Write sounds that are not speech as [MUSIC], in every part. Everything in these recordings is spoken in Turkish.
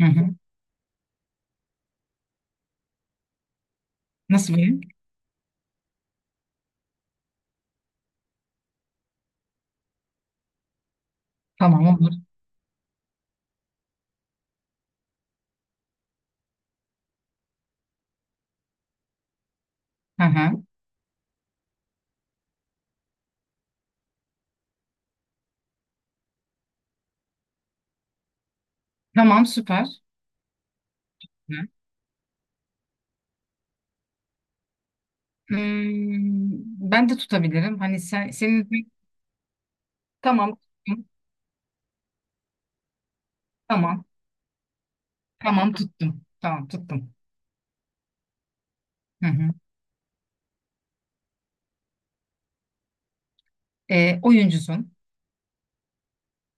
Hı hı. Nasıl benim? Tamam olur. Hı hı. Tamam süper. Hı. Hmm, ben de tutabilirim. Hani sen senin. Tamam tuttum. Tamam. Tamam tuttum. Tamam tuttum. Hı hı. Oyuncusun.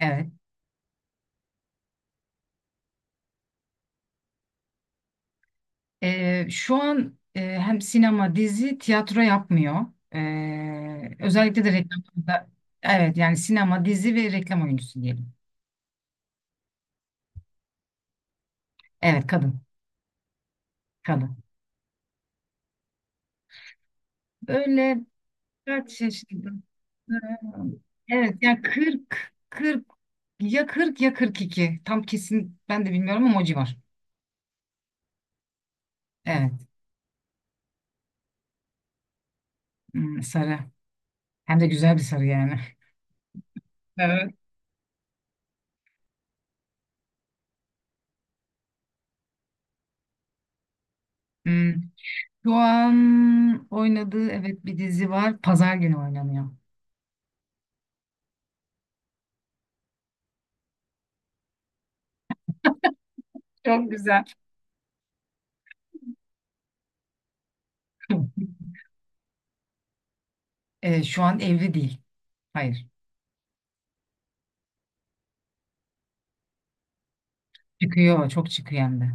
Evet. Şu an hem sinema, dizi, tiyatro yapmıyor. Özellikle de reklamda. Evet yani sinema, dizi ve reklam oyuncusu diyelim. Evet, kadın. Kadın. Böyle kaç yaşında? Hmm. Evet yani, 40 40 ya 40 ya 42. Tam kesin ben de bilmiyorum ama o civar. Evet. Hmm, sarı. Hem de güzel bir sarı yani. Evet. Hmm. Şu an oynadığı, evet, bir dizi var. Pazar günü oynanıyor. Çok güzel. Şu an evli değil. Hayır. Çıkıyor. Çok çıkıyor hem de.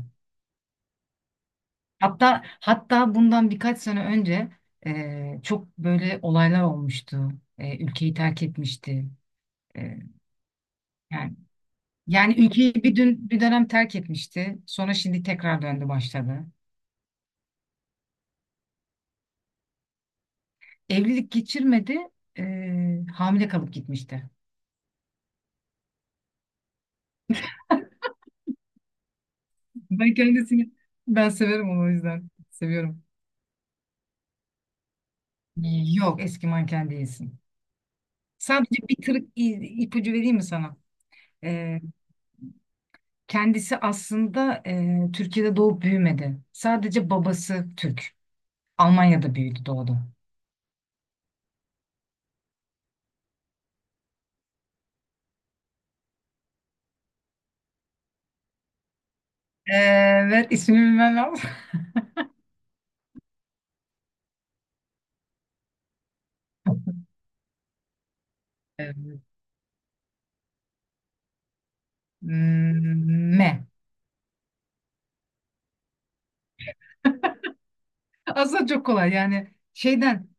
Hatta bundan birkaç sene önce çok böyle olaylar olmuştu. Ülkeyi terk etmişti. E, yani Yani ülkeyi bir dönem terk etmişti. Sonra şimdi tekrar döndü başladı. Evlilik geçirmedi. Hamile kalıp gitmişti. Ben kendisini, ben severim onu, o yüzden. Seviyorum. Yok, eski manken değilsin. Sadece bir tırık ipucu vereyim mi sana? Eee, Kendisi aslında Türkiye'de doğup büyümedi. Sadece babası Türk. Almanya'da büyüdü doğdu. Evet, ismini bilmem lazım. [LAUGHS] Eee, M. Aslında çok kolay yani şeyden.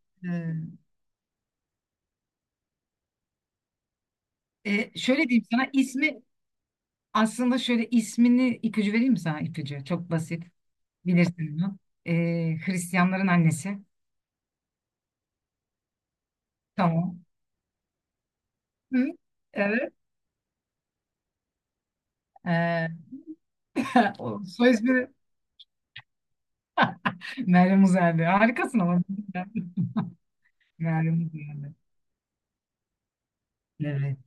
Şöyle diyeyim sana ismi. Aslında şöyle, ismini ipucu vereyim mi sana? İpucu çok basit, bilirsin bunu. E, Hristiyanların annesi. Tamam. Hı, evet. E, [LAUGHS] O soy ismi. [LAUGHS] Meryem Uzerli, harikasın ama! Meryem Uzerli, evet.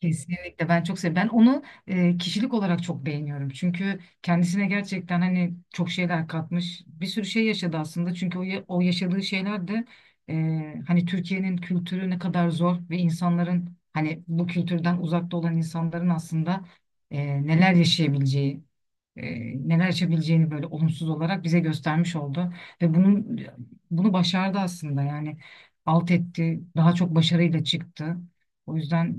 Kesinlikle, ben çok seviyorum. Ben onu kişilik olarak çok beğeniyorum. Çünkü kendisine gerçekten hani çok şeyler katmış. Bir sürü şey yaşadı aslında. Çünkü o yaşadığı şeyler de hani Türkiye'nin kültürü ne kadar zor ve insanların hani bu kültürden uzakta olan insanların aslında neler yaşayabileceği, e, neler yaşayabileceğini böyle olumsuz olarak bize göstermiş oldu. Ve bunu başardı aslında yani, alt etti, daha çok başarıyla çıktı. O yüzden.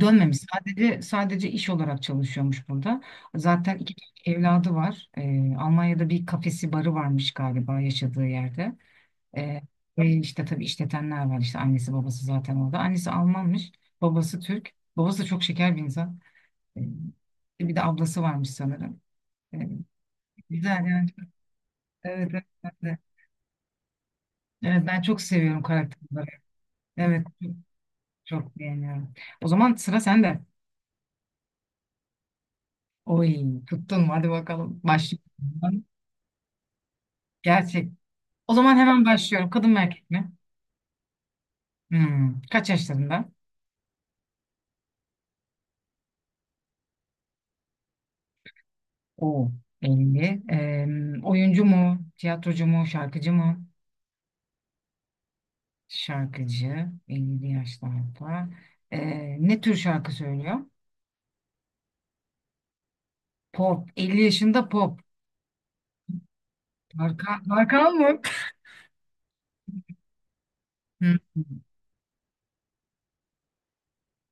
Dönmemiş. Sadece iş olarak çalışıyormuş burada. Zaten iki tane evladı var. Almanya'da bir kafesi barı varmış galiba yaşadığı yerde. Ee, Ve işte tabii işletenler var. İşte annesi babası zaten orada. Annesi Almanmış. Babası Türk. Babası da çok şeker bir insan. Ee, Bir de ablası varmış sanırım. Ee, Güzel yani. Evet, evet, ben de. Evet, ben çok seviyorum karakterleri. Evet, çok, çok beğeniyorum. O zaman sıra sende. Oy, tuttun. Hadi bakalım. Başlayalım. Gerçek. O zaman hemen başlıyorum. Kadın mı, erkek mi? Hmm. Kaç yaşlarında? Oo. 50. Oyuncu mu? Tiyatrocu mu? Şarkıcı mı? Şarkıcı. 50 yaşlarda. Ne tür şarkı söylüyor? Pop. 50 yaşında pop. Tarkan, Tarkan mı? Hmm.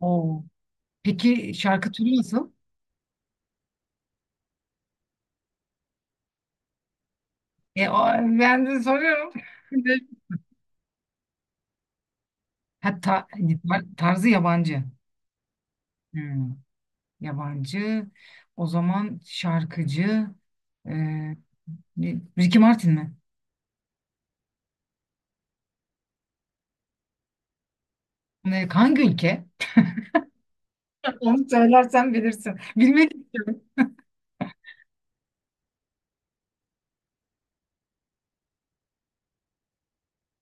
Oo. Peki şarkı türü nasıl? E, o- Ben de soruyorum. [LAUGHS] Ha, tarzı yabancı. Hmm. Yabancı. O zaman şarkıcı. E, Ricky Martin mi? Hangi ülke? [LAUGHS] Onu söylersen bilirsin. Bilmedim.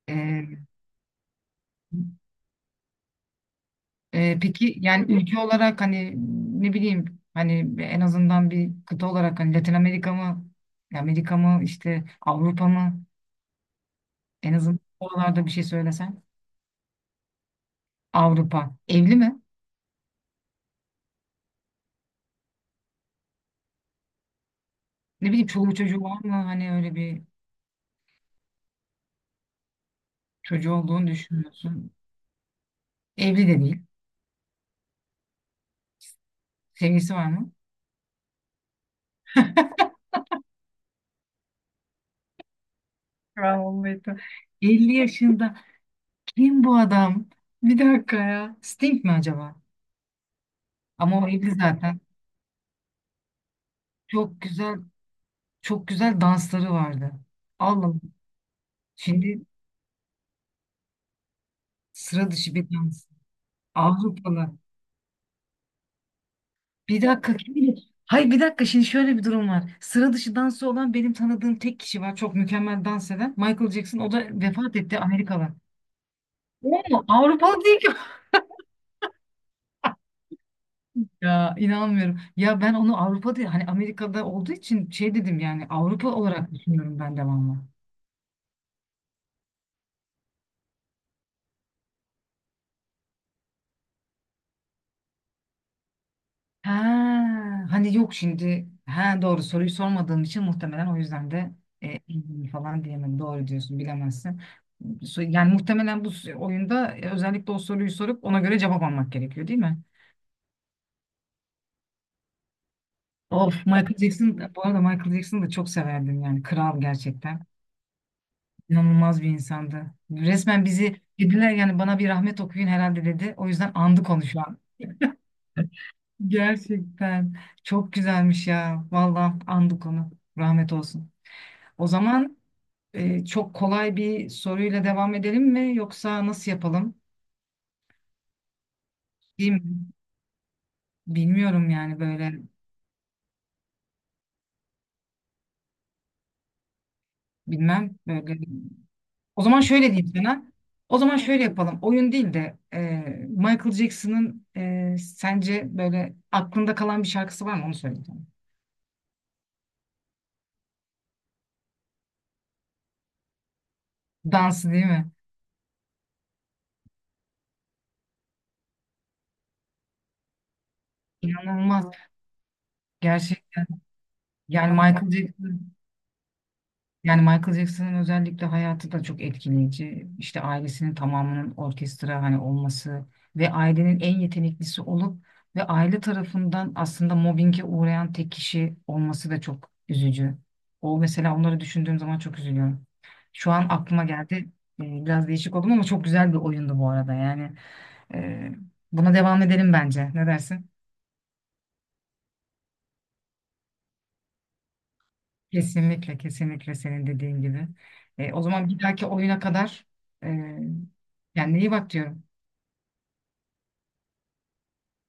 E, peki yani ülke olarak hani, ne bileyim hani, en azından bir kıta olarak hani, Latin Amerika mı? Amerika mı işte, Avrupa mı? En azından oralarda bir şey söylesen. Avrupa. Evli mi? Ne bileyim, çoluğu çocuğu var mı? Hani öyle bir çocuğu olduğunu düşünüyorsun. Evli de değil. Sevgisi var mı? Bravo Meto. 50 yaşında, kim bu adam? Bir dakika ya. Sting mi acaba? Ama o 50 zaten. Çok güzel, çok güzel dansları vardı. Allah'ım. Şimdi sıra dışı bir dans. Avrupalı. Bir dakika, kim? Hayır, bir dakika, şimdi şöyle bir durum var. Sıra dışı dansı olan benim tanıdığım tek kişi var. Çok mükemmel dans eden. Michael Jackson, o da vefat etti, Amerikalı. O mu? Avrupalı değil. Ya inanmıyorum. Ya, ben onu Avrupa'da, hani Amerika'da olduğu için şey dedim, yani Avrupa olarak düşünüyorum ben devamlı. Ha, hani yok şimdi. Ha, doğru soruyu sormadığım için muhtemelen o yüzden de falan diyemedim. Doğru diyorsun, bilemezsin. Yani muhtemelen bu oyunda, özellikle o soruyu sorup ona göre cevap almak gerekiyor, değil mi? Of, Michael Jackson, bu arada Michael Jackson'ı da çok severdim, yani kral gerçekten. İnanılmaz bir insandı. Resmen bizi dediler, yani bana bir rahmet okuyun herhalde dedi. O yüzden andık onu şu an. Gerçekten çok güzelmiş ya. Vallahi andık onu. Rahmet olsun. O zaman çok kolay bir soruyla devam edelim mi, yoksa nasıl yapalım? Değil mi? Bilmiyorum yani böyle, bilmem böyle. O zaman şöyle diyeyim sana. O zaman şöyle yapalım. Oyun değil de, Michael Jackson'ın sence böyle aklında kalan bir şarkısı var mı, onu söyle. Dansı değil mi? İnanılmaz. Gerçek. Yani Michael Jackson, yani Michael Jackson'ın özellikle hayatı da çok etkileyici. İşte ailesinin tamamının orkestra hani olması ve ailenin en yeteneklisi olup ve aile tarafından aslında mobbinge uğrayan tek kişi olması da çok üzücü. O mesela onları düşündüğüm zaman çok üzülüyorum. Şu an aklıma geldi. Biraz değişik oldum ama çok güzel bir oyundu bu arada. Yani, e, buna devam edelim bence. Ne dersin? Kesinlikle, kesinlikle senin dediğin gibi. O zaman bir dahaki oyuna kadar e, kendine iyi bak diyorum.